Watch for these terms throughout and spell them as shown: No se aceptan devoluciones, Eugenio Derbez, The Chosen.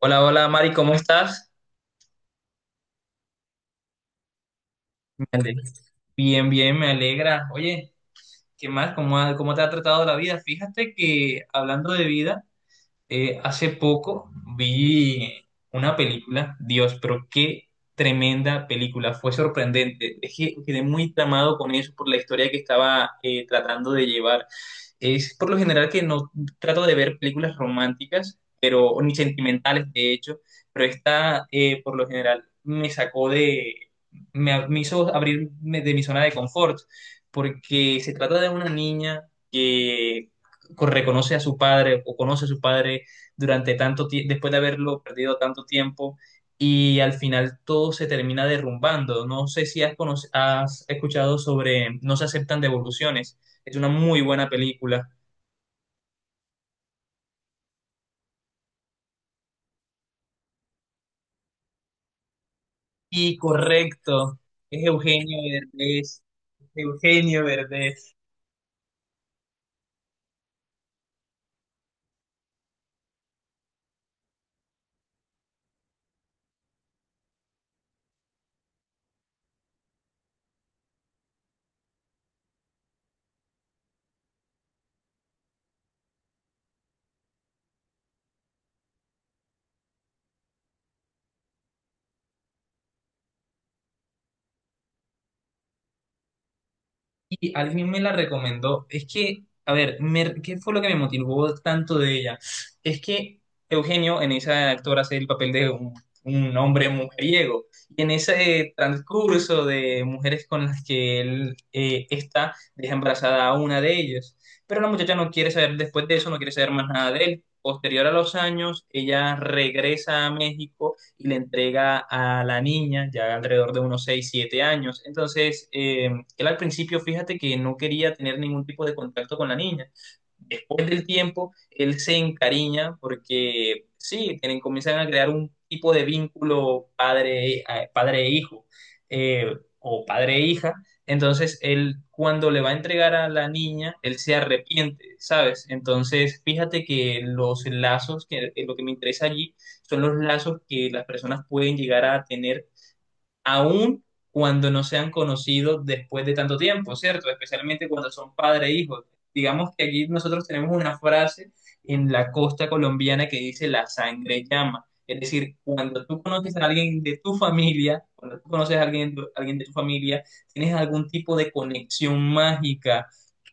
Hola, hola Mari, ¿cómo estás? Me ale- Bien, bien, me alegra. Oye, ¿qué más? ¿Cómo, cómo te ha tratado la vida? Fíjate que hablando de vida, hace poco vi una película, Dios, pero qué tremenda película, fue sorprendente. Es que quedé muy tramado con eso por la historia que estaba tratando de llevar. Es por lo general que no trato de ver películas románticas, pero ni sentimentales, de hecho, pero esta por lo general me sacó de, me hizo abrirme de mi zona de confort, porque se trata de una niña que reconoce a su padre o conoce a su padre durante tanto tiempo, después de haberlo perdido tanto tiempo, y al final todo se termina derrumbando. No sé si has escuchado sobre No se aceptan devoluciones. Es una muy buena película. Y correcto, es Eugenio Derbez. Eugenio Derbez. Y alguien me la recomendó. Es que, a ver, ¿qué fue lo que me motivó tanto de ella? Es que Eugenio en esa actora hace el papel de un hombre mujeriego. Y en ese transcurso de mujeres con las que él está, deja embarazada a una de ellas. Pero la muchacha no quiere saber, después de eso, no quiere saber más nada de él. Posterior a los años, ella regresa a México y le entrega a la niña, ya alrededor de unos 6 7 años. Entonces, él al principio, fíjate que no quería tener ningún tipo de contacto con la niña después del tiempo, él se encariña porque sí, tienen, comienzan a crear un tipo de vínculo padre, padre e hijo eh, o padre e hija. Entonces, él cuando le va a entregar a la niña, él se arrepiente, ¿sabes? Entonces, fíjate que los lazos, que lo que me interesa allí, son los lazos que las personas pueden llegar a tener aún cuando no se han conocido después de tanto tiempo, ¿cierto? Especialmente cuando son padre e hijo. Digamos que aquí nosotros tenemos una frase en la costa colombiana que dice la sangre llama. Es decir, cuando tú conoces a alguien de tu familia, cuando tú conoces a alguien, alguien de tu familia, tienes algún tipo de conexión mágica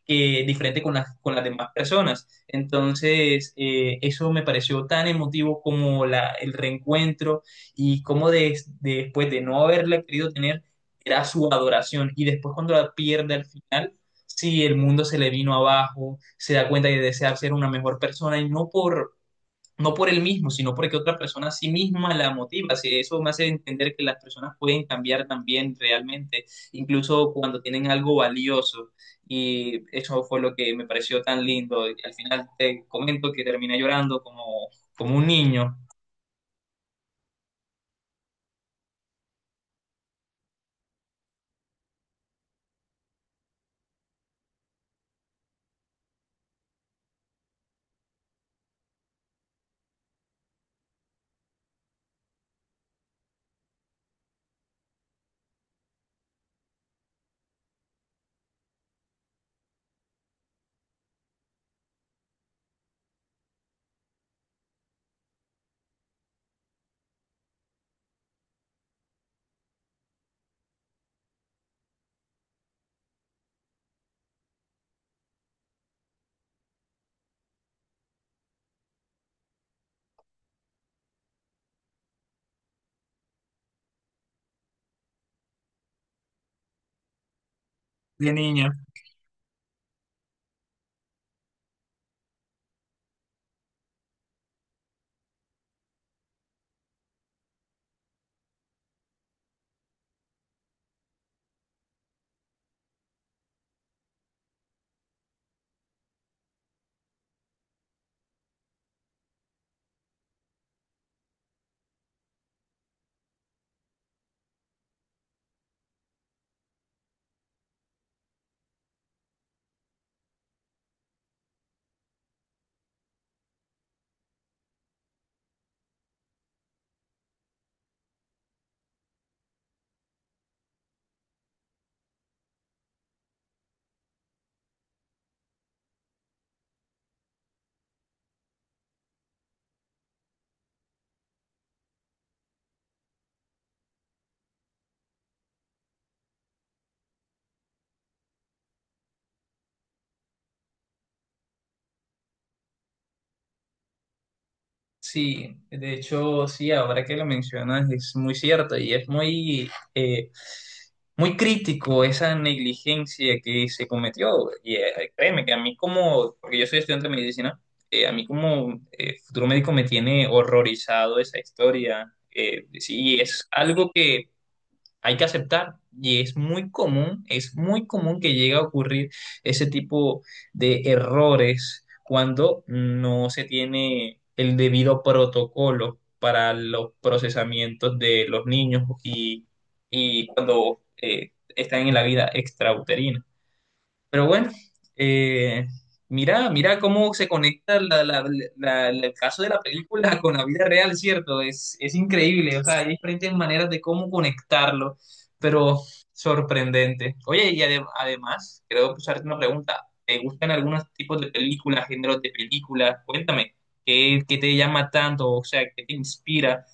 que diferente con con las demás personas. Entonces, eso me pareció tan emotivo como el reencuentro y cómo después de no haberla querido tener, era su adoración. Y después cuando la pierde al final, sí, el mundo se le vino abajo, se da cuenta de desear ser una mejor persona y no por, no por él mismo, sino porque otra persona a sí misma la motiva. Sí, eso me hace entender que las personas pueden cambiar también realmente, incluso cuando tienen algo valioso. Y eso fue lo que me pareció tan lindo. Y al final te comento que terminé llorando como, como un niño, de niña. Sí, de hecho, sí, ahora que lo mencionas es muy cierto y es muy, muy crítico esa negligencia que se cometió. Y créeme que a mí como, porque yo soy estudiante de medicina, a mí como futuro médico me tiene horrorizado esa historia. Sí, es algo que hay que aceptar. Y es muy común que llegue a ocurrir ese tipo de errores cuando no se tiene el debido protocolo para los procesamientos de los niños y cuando están en la vida extrauterina. Pero bueno, eh, mira, mira cómo se conecta el caso de la película con la vida real, ¿cierto? Es increíble, o sea, hay diferentes maneras de cómo conectarlo, pero sorprendente. Oye, y además, quiero hacerte una pregunta. ¿Te gustan algunos tipos de películas, géneros de películas? Cuéntame, ¿qué, qué te llama tanto? O sea, ¿qué te inspira?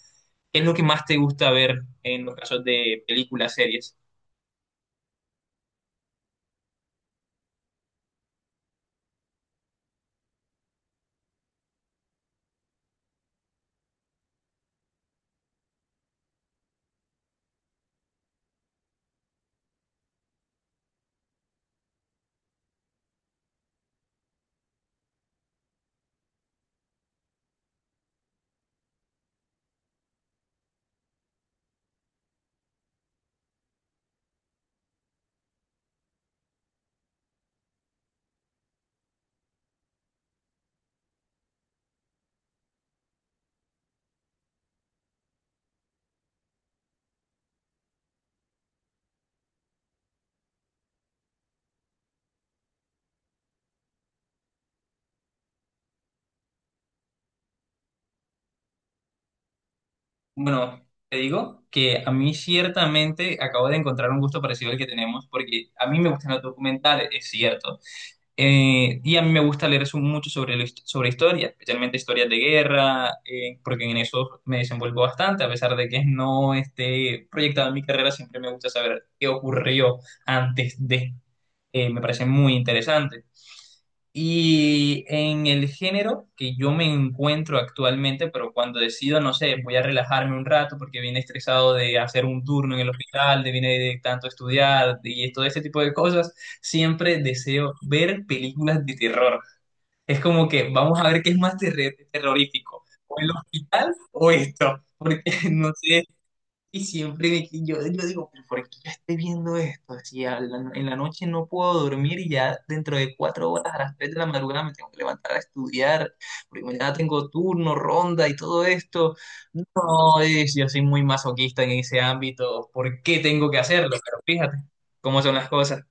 ¿Qué es lo que más te gusta ver en los casos de películas, series? Bueno, te digo que a mí ciertamente acabo de encontrar un gusto parecido al que tenemos, porque a mí me gustan los documentales, es cierto. Y a mí me gusta leer mucho sobre, sobre historia, especialmente historias de guerra, porque en eso me desenvuelvo bastante, a pesar de que no esté proyectada en mi carrera, siempre me gusta saber qué ocurrió antes de. Me parece muy interesante. Y en el género que yo me encuentro actualmente, pero cuando decido, no sé, voy a relajarme un rato porque vine estresado de hacer un turno en el hospital, de vine de tanto estudiar y todo ese tipo de cosas, siempre deseo ver películas de terror. Es como que vamos a ver qué es más terrorífico, o el hospital o esto, porque no sé, y siempre de que yo digo, "¿Pero ¿por qué yo estoy viendo esto? Si en la noche no puedo dormir y ya dentro de 4 horas a las 3 de la madrugada me tengo que levantar a estudiar, porque mañana tengo turno, ronda y todo esto. No, es, yo soy muy masoquista en ese ámbito. ¿Por qué tengo que hacerlo? Pero fíjate cómo son las cosas.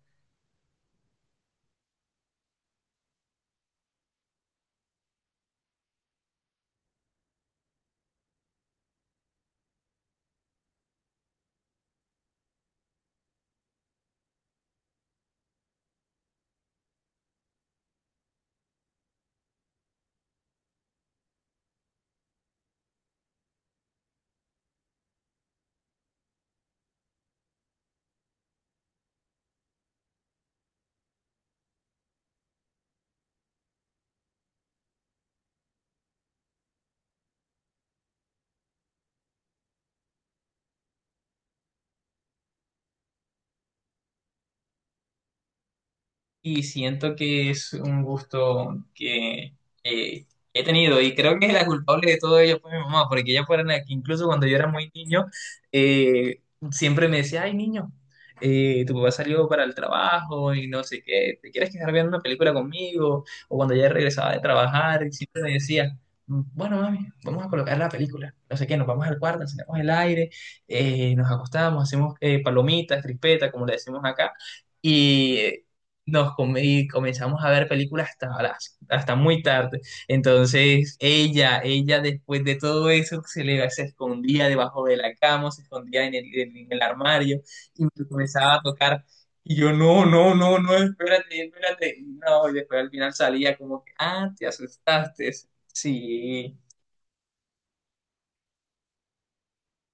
Y siento que es un gusto que eh, he tenido y creo que la culpable de todo ello fue mi mamá, porque ella fue la que incluso cuando yo era muy niño, eh, siempre me decía, ay niño, tu papá salió para el trabajo y no sé qué, ¿te quieres quedar viendo una película conmigo? O cuando ya regresaba de trabajar, y siempre me decía, bueno mami, vamos a colocar la película, no sé qué, nos vamos al cuarto, encendemos el aire, nos acostamos, hacemos palomitas, crispetas, como le decimos acá. Y y comenzamos a ver películas hasta muy tarde. Entonces, ella después de todo eso se escondía debajo de la cama, se escondía en en el armario y me comenzaba a tocar. Y yo, no, no, no, no, espérate, espérate. Y no, y después al final salía como que, ah, te asustaste. Sí,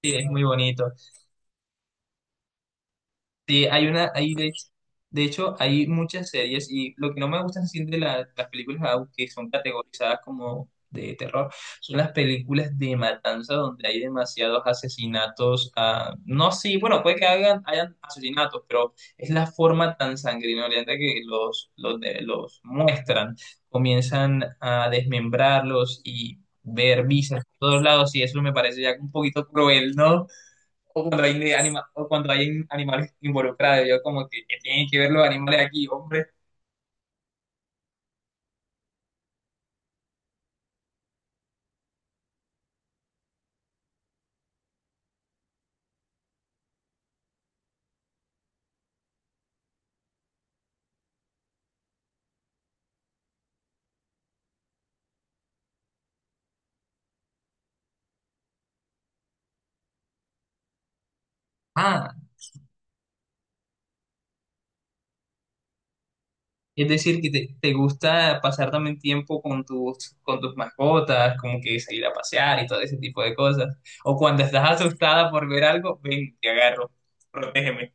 sí, es muy bonito. Sí, hay una, hay de hecho, hay muchas series y lo que no me gusta así de las películas, aunque son categorizadas como de terror, son las películas de matanza donde hay demasiados asesinatos. Ah, no, sí, bueno, puede que hagan, hayan asesinatos, pero es la forma tan sanguinolenta que los muestran. Comienzan a desmembrarlos y ver visas por todos lados y eso me parece ya un poquito cruel, ¿no? O cuando o cuando hay animales involucrados. Yo como que, ¿qué tienen que ver los animales aquí, hombre? Ah, es decir, que te gusta pasar también tiempo con con tus mascotas, como que salir a pasear y todo ese tipo de cosas. O cuando estás asustada por ver algo, ven, te agarro, protégeme.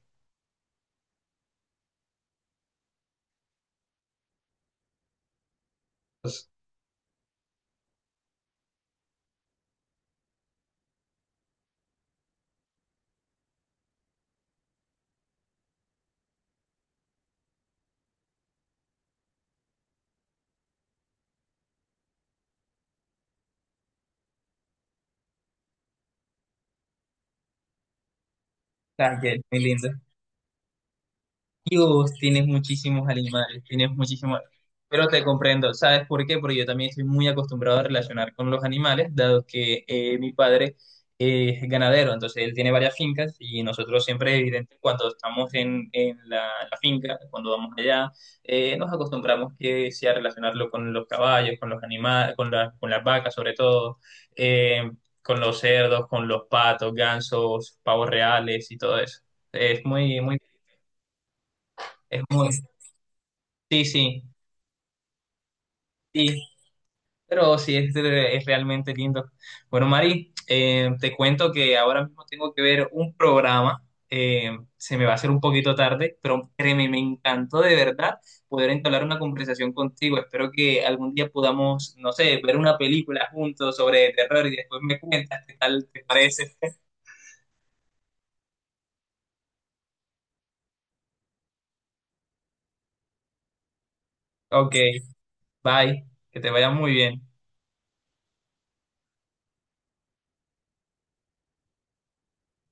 O sea, que es muy lindo. Dios, tienes muchísimos animales, tienes muchísimos... Pero te comprendo, ¿sabes por qué? Porque yo también estoy muy acostumbrado a relacionar con los animales, dado que mi padre es ganadero, entonces él tiene varias fincas y nosotros siempre, evidente, cuando estamos en la finca, cuando vamos allá, nos acostumbramos que sea relacionarlo con los caballos, con los animales, con las vacas sobre todo, eh, con los cerdos, con los patos, gansos, pavos reales y todo eso. Es muy, muy, es muy... Sí, sí, sí, pero sí, es realmente lindo. Bueno, Mari, te cuento que ahora mismo tengo que ver un programa, se me va a hacer un poquito tarde, pero créeme, me encantó de verdad poder entablar una conversación contigo. Espero que algún día podamos, no sé, ver una película juntos sobre terror y después me cuentas qué tal te parece. Ok, bye, que te vaya muy bien.